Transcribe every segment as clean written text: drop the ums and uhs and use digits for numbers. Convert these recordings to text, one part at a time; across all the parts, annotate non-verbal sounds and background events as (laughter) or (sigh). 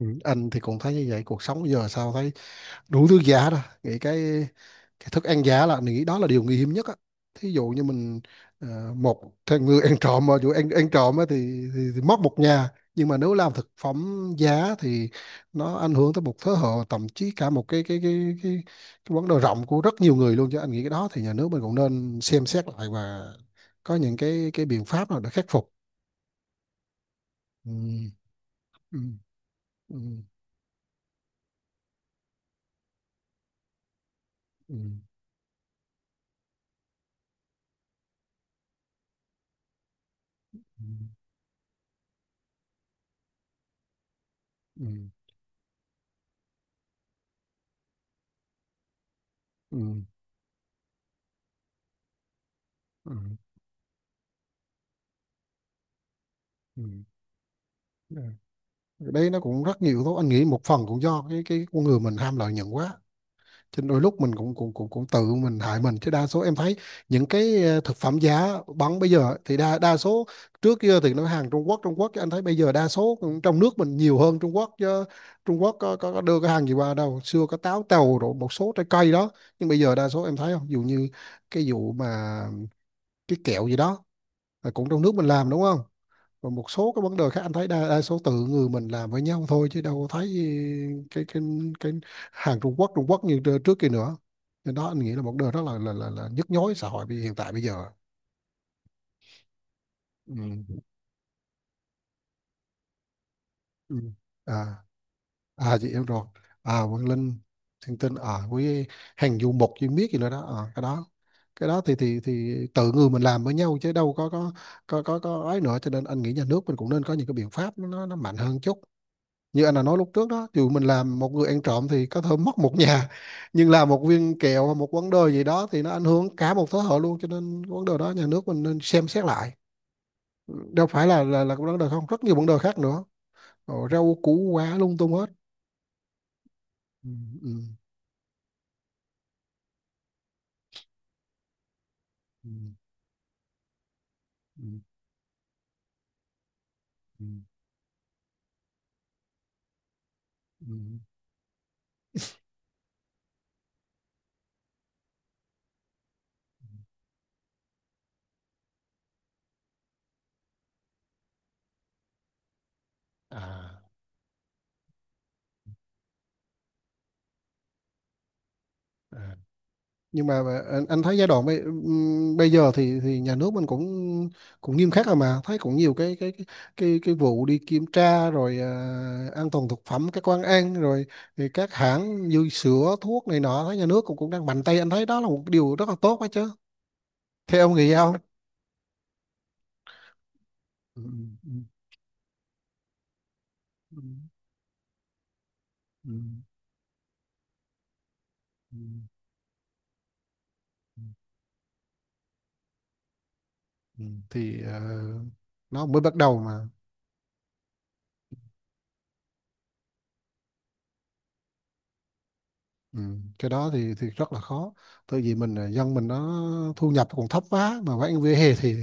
Ừ, anh thì cũng thấy như vậy. Cuộc sống giờ sao thấy đủ thứ giá đó, nghĩ cái thức ăn giá là mình nghĩ đó là điều nguy hiểm nhất á. Thí dụ như mình, một thằng người ăn trộm mà dù ăn ăn trộm á thì mất một nhà, nhưng mà nếu làm thực phẩm giá thì nó ảnh hưởng tới một thế hệ, thậm chí cả một cái vấn đề rộng của rất nhiều người luôn, chứ anh nghĩ cái đó thì nhà nước mình cũng nên xem xét lại và có những cái biện pháp nào để khắc phục. Ừ. Ừ. Ừ. Ừ. Ừ. Ừ. Ừ. Ừ. Ừ. Đấy nó cũng rất nhiều thôi, anh nghĩ một phần cũng do cái con người mình ham lợi nhuận quá cho nên đôi lúc mình cũng cũng cũng cũng tự mình hại mình, chứ đa số em thấy những cái, thực phẩm giá bắn bây giờ thì đa đa số. Trước kia thì nó hàng Trung Quốc chứ anh thấy bây giờ đa số cũng trong nước mình nhiều hơn Trung Quốc chứ. Trung Quốc có đưa cái hàng gì qua đâu, xưa có táo tàu rồi một số trái cây đó, nhưng bây giờ đa số em thấy không. Ví dụ như cái vụ mà cái kẹo gì đó là cũng trong nước mình làm, đúng không? Còn một số cái vấn đề khác anh thấy đa số tự người mình làm với nhau thôi chứ đâu có thấy cái cái cái hàng Trung Quốc như trước kia nữa. Nên đó anh nghĩ là một điều rất là nhức nhối xã hội hiện tại bây giờ. Ừ. Ừ. à à, chị em rồi, à Quang Linh, Thiên Tinh à, với hàng du mục chuyên biết gì nữa đó. À, cái đó thì tự người mình làm với nhau chứ đâu có ấy nữa, cho nên anh nghĩ nhà nước mình cũng nên có những cái biện pháp nó mạnh hơn chút. Như anh đã nói lúc trước đó, dù mình làm một người ăn trộm thì có thể mất một nhà, nhưng làm một viên kẹo hoặc một vấn đề gì đó thì nó ảnh hưởng cả một thế hệ luôn, cho nên vấn đề đó nhà nước mình nên xem xét lại. Đâu phải là là vấn đề không, rất nhiều vấn đề khác nữa. Rau củ quả lung tung hết. Ừ. Ừ. Ừ. Ừ. Ừ. Ừ. À, à. Nhưng mà anh thấy giai đoạn bây giờ thì nhà nước mình cũng cũng nghiêm khắc rồi, mà thấy cũng nhiều cái vụ đi kiểm tra rồi, an toàn thực phẩm các quán ăn rồi, thì các hãng dư sữa thuốc này nọ thấy nhà nước cũng cũng đang mạnh tay, anh thấy đó là một cái điều rất là tốt đó chứ. Theo ông nghĩ sao? Ừ. Ừ. Ừ. Ừ. Ừ. Ừ. Ừ. Thì, nó mới bắt đầu mà. Ừ, cái đó thì rất là khó, tại vì mình là dân mình nó thu nhập còn thấp quá mà bán vỉa hè thì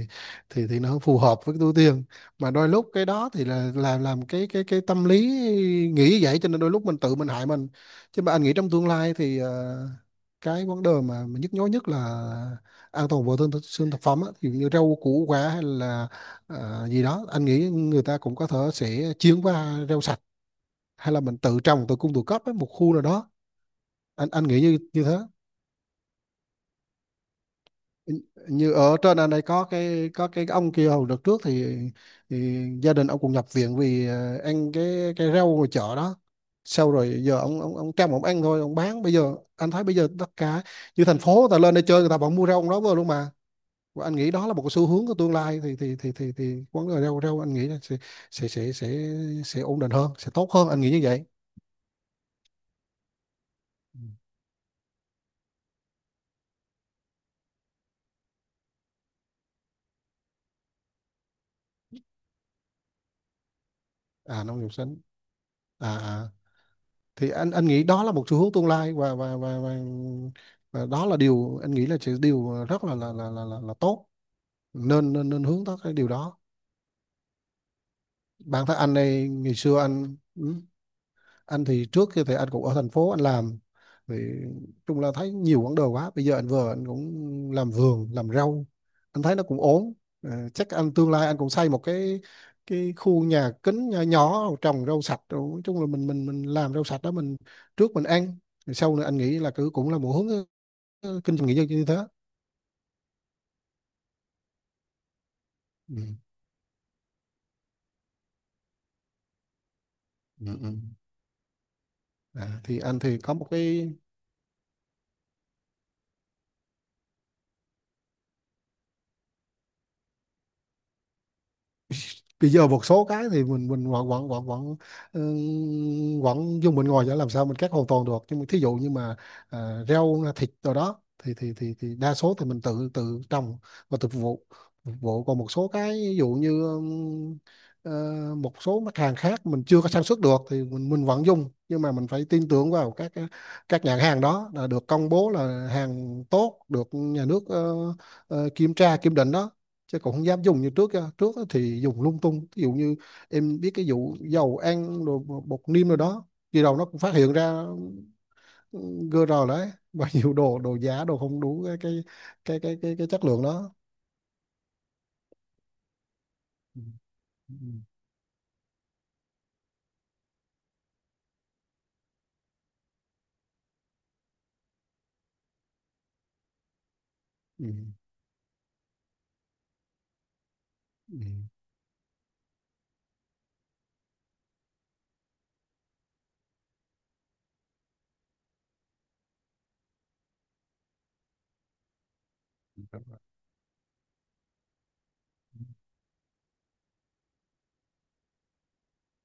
thì thì nó không phù hợp với cái túi tiền, mà đôi lúc cái đó thì là làm cái tâm lý nghĩ vậy, cho nên đôi lúc mình tự mình hại mình. Chứ mà anh nghĩ trong tương lai thì, cái vấn đề mà nhức nhối nhất là an toàn vệ sinh sinh thực phẩm á, ví dụ như rau củ quả hay là, gì đó, anh nghĩ người ta cũng có thể sẽ chuyển qua rau sạch, hay là mình tự trồng tự cung tự cấp với một khu nào đó, anh nghĩ như như thế. Như ở trên anh đây có cái ông kia hồi đợt trước thì gia đình ông cũng nhập viện vì, ăn cái rau ngoài chợ đó. Sau rồi giờ ông trăm ông ăn thôi ông bán, bây giờ anh thấy bây giờ tất cả như thành phố người ta lên đây chơi, người ta vẫn mua rau ông đó vô luôn mà. Và anh nghĩ đó là một cái xu hướng của tương lai, thì thì quán cà rau rau anh nghĩ là sẽ sẽ sẽ sẽ sẽ ổn định hơn, sẽ tốt hơn, anh nghĩ như vậy. Ừ. À, nông nghiệp xanh. À, thì anh nghĩ đó là một xu hướng tương lai, và và đó là điều anh nghĩ là chỉ điều rất là tốt, nên nên nên hướng tới cái điều đó. Bản thân anh này ngày xưa anh, anh thì trước kia thì anh cũng ở thành phố anh làm thì chung là thấy nhiều quãng đời quá, bây giờ anh vừa anh cũng làm vườn làm rau, anh thấy nó cũng ổn. Chắc anh tương lai anh cũng xây một cái khu nhà kính nhỏ nhỏ trồng rau sạch. Rồi nói chung là mình làm rau sạch đó, mình trước mình ăn rồi sau nữa anh nghĩ là cứ cũng là một hướng, kinh doanh nghỉ dưỡng như thế. Ừ. Ừ. Ừ. À, thì anh thì có một cái, bây giờ một số cái thì mình vẫn vẫn vẫn vẫn ừ, vẫn dùng, mình ngồi để làm sao mình cắt hoàn toàn được. Nhưng mà thí dụ như mà, rau thịt rồi đó thì thì đa số thì mình tự tự trồng và tự phục vụ còn một số cái ví dụ như, ờ, một số mặt hàng khác mình chưa có sản xuất được thì mình vẫn dùng. Nhưng mà mình phải tin tưởng vào các các nhãn hàng đó là được công bố là hàng tốt, được nhà nước, kiểm tra kiểm định đó, chứ cũng không dám dùng như trước á. Trước á thì dùng lung tung, ví dụ như em biết cái vụ dầu ăn rồi bột niêm rồi đó, khi đầu nó cũng phát hiện ra GR đấy và nhiều (laughs) đồ đồ giả đồ không đủ cái chất lượng đó. Ừ. Ừ. Ừ. Ừ.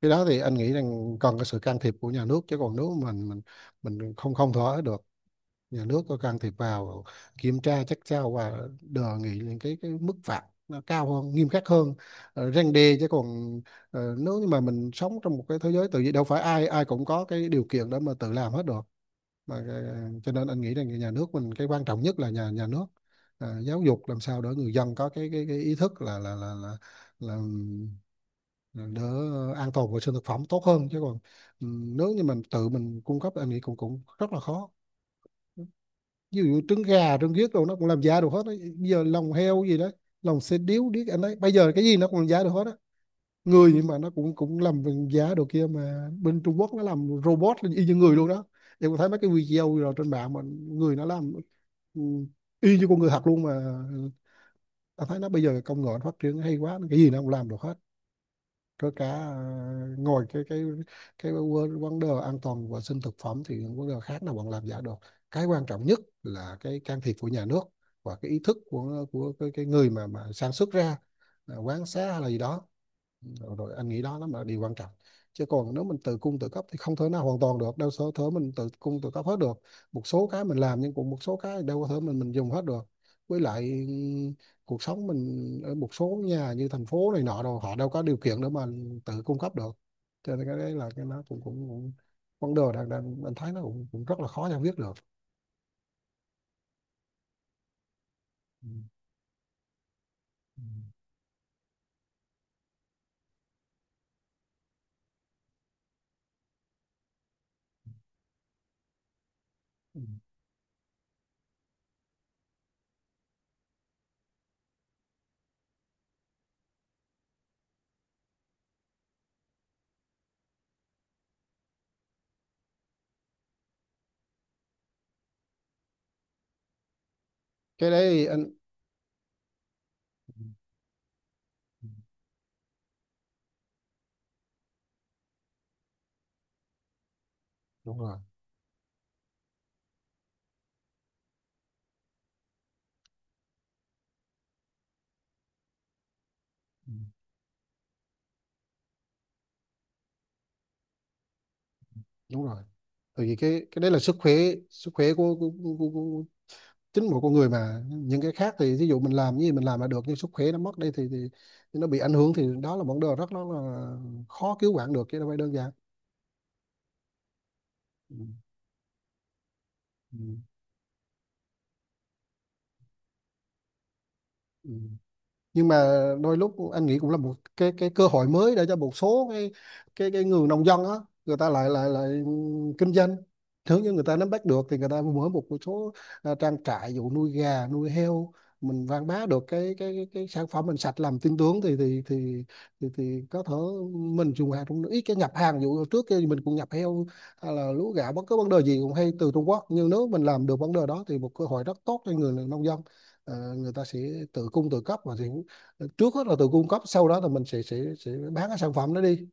Cái đó thì anh nghĩ rằng cần cái sự can thiệp của nhà nước, chứ còn nếu mình không không thỏa được, nhà nước có can thiệp vào kiểm tra chắc sao, và đề nghị những cái mức phạt nó cao hơn, nghiêm khắc hơn, răn đe. Chứ còn, nếu như mà mình sống trong một cái thế giới tự nhiên đâu phải ai ai cũng có cái điều kiện để mà tự làm hết được, mà cho nên anh nghĩ rằng nhà nước mình cái quan trọng nhất là nhà nhà nước, giáo dục làm sao để người dân có cái ý thức là là đỡ, an toàn vệ sinh thực phẩm tốt hơn. Chứ còn, ừ, nếu như mình tự mình cung cấp anh nghĩ cũng cũng rất là khó, ví dụ trứng gà trứng ghiếc đồ nó cũng làm giả được hết đó. Bây giờ lòng heo gì đó, lòng xe điếu điếc anh ấy, bây giờ cái gì nó cũng làm giả được hết á. Người, nhưng mà nó cũng cũng làm bằng giả đồ kia mà, bên Trung Quốc nó làm robot y như người luôn đó, em có thấy mấy cái video rồi trên mạng mà, người nó làm, ừ, y như con người thật luôn mà. Ta thấy nó bây giờ công nghệ nó phát triển hay quá, cái gì nó cũng làm được hết, có cả, ngồi cái vấn vấn đề an toàn vệ sinh thực phẩm thì vấn đề khác nào bọn làm giả được. Cái quan trọng nhất là cái can thiệp của nhà nước và cái ý thức của cái người mà sản xuất ra, quán xá hay là gì đó, rồi anh nghĩ đó nó là điều quan trọng. Chứ còn nếu mình tự cung tự cấp thì không thể nào hoàn toàn được đâu, sở thể mình tự cung tự cấp hết được, một số cái mình làm nhưng cũng một số cái đâu có thể mình dùng hết được. Với lại, cuộc sống mình ở một số nhà như thành phố này nọ rồi họ đâu có điều kiện để mà tự cung cấp được, cho nên cái đấy là cái nó cũng cũng, cũng vấn đề đang đang anh thấy nó cũng rất là khó giải quyết được. Ừ. Ừ. Ừ. Cái đấy anh. Ừ, ừ, đúng rồi, ừ, đúng rồi. Tại vì cái đấy là sức khỏe, sức khỏe của chính một con người, mà những cái khác thì ví dụ mình làm như gì mình làm là được, nhưng sức khỏe nó mất đi thì nó bị ảnh hưởng thì đó là vấn đề rất là khó cứu vãn được, chứ đâu phải đơn giản. Ừ. Ừ. Ừ. Nhưng mà đôi lúc anh nghĩ cũng là một cái cơ hội mới, để cho một số cái người nông dân á, người ta lại lại lại kinh doanh. Nếu như người ta nắm bắt được thì người ta mở một số, trang trại dụ nuôi gà nuôi heo, mình quảng bá được cái sản phẩm mình sạch làm tin tưởng thì thì có thể mình dùng hàng trong nước, ít cái nhập hàng dụ. Trước kia thì mình cũng nhập heo hay là lúa gạo bất cứ vấn đề gì cũng hay từ Trung Quốc, nhưng nếu mình làm được vấn đề đó thì một cơ hội rất tốt cho người nông dân. Người ta sẽ tự cung tự cấp, và sẽ trước hết là từ cung cấp, sau đó thì mình sẽ bán cái sản phẩm đó đi,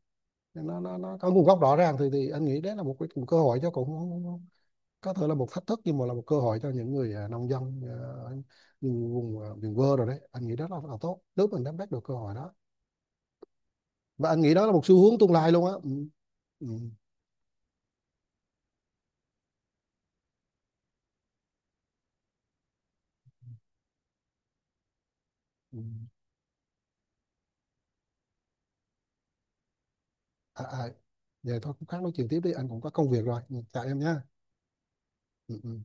nó có nguồn gốc rõ ràng, thì anh nghĩ đấy là một cái, một cơ hội cho cũng có thể là một thách thức, nhưng mà là một cơ hội cho những người, nông dân, những vùng, miền quê rồi đấy, anh nghĩ đó là tốt nếu mình nắm bắt được cơ hội đó. Và anh nghĩ đó là một xu hướng tương lai luôn á. Ừ. Ừ. Ừ. À, à. Vậy thôi cũng khác, nói chuyện tiếp đi, anh cũng có công việc rồi. Ừ, chào em nhé. Ừ. Ừ.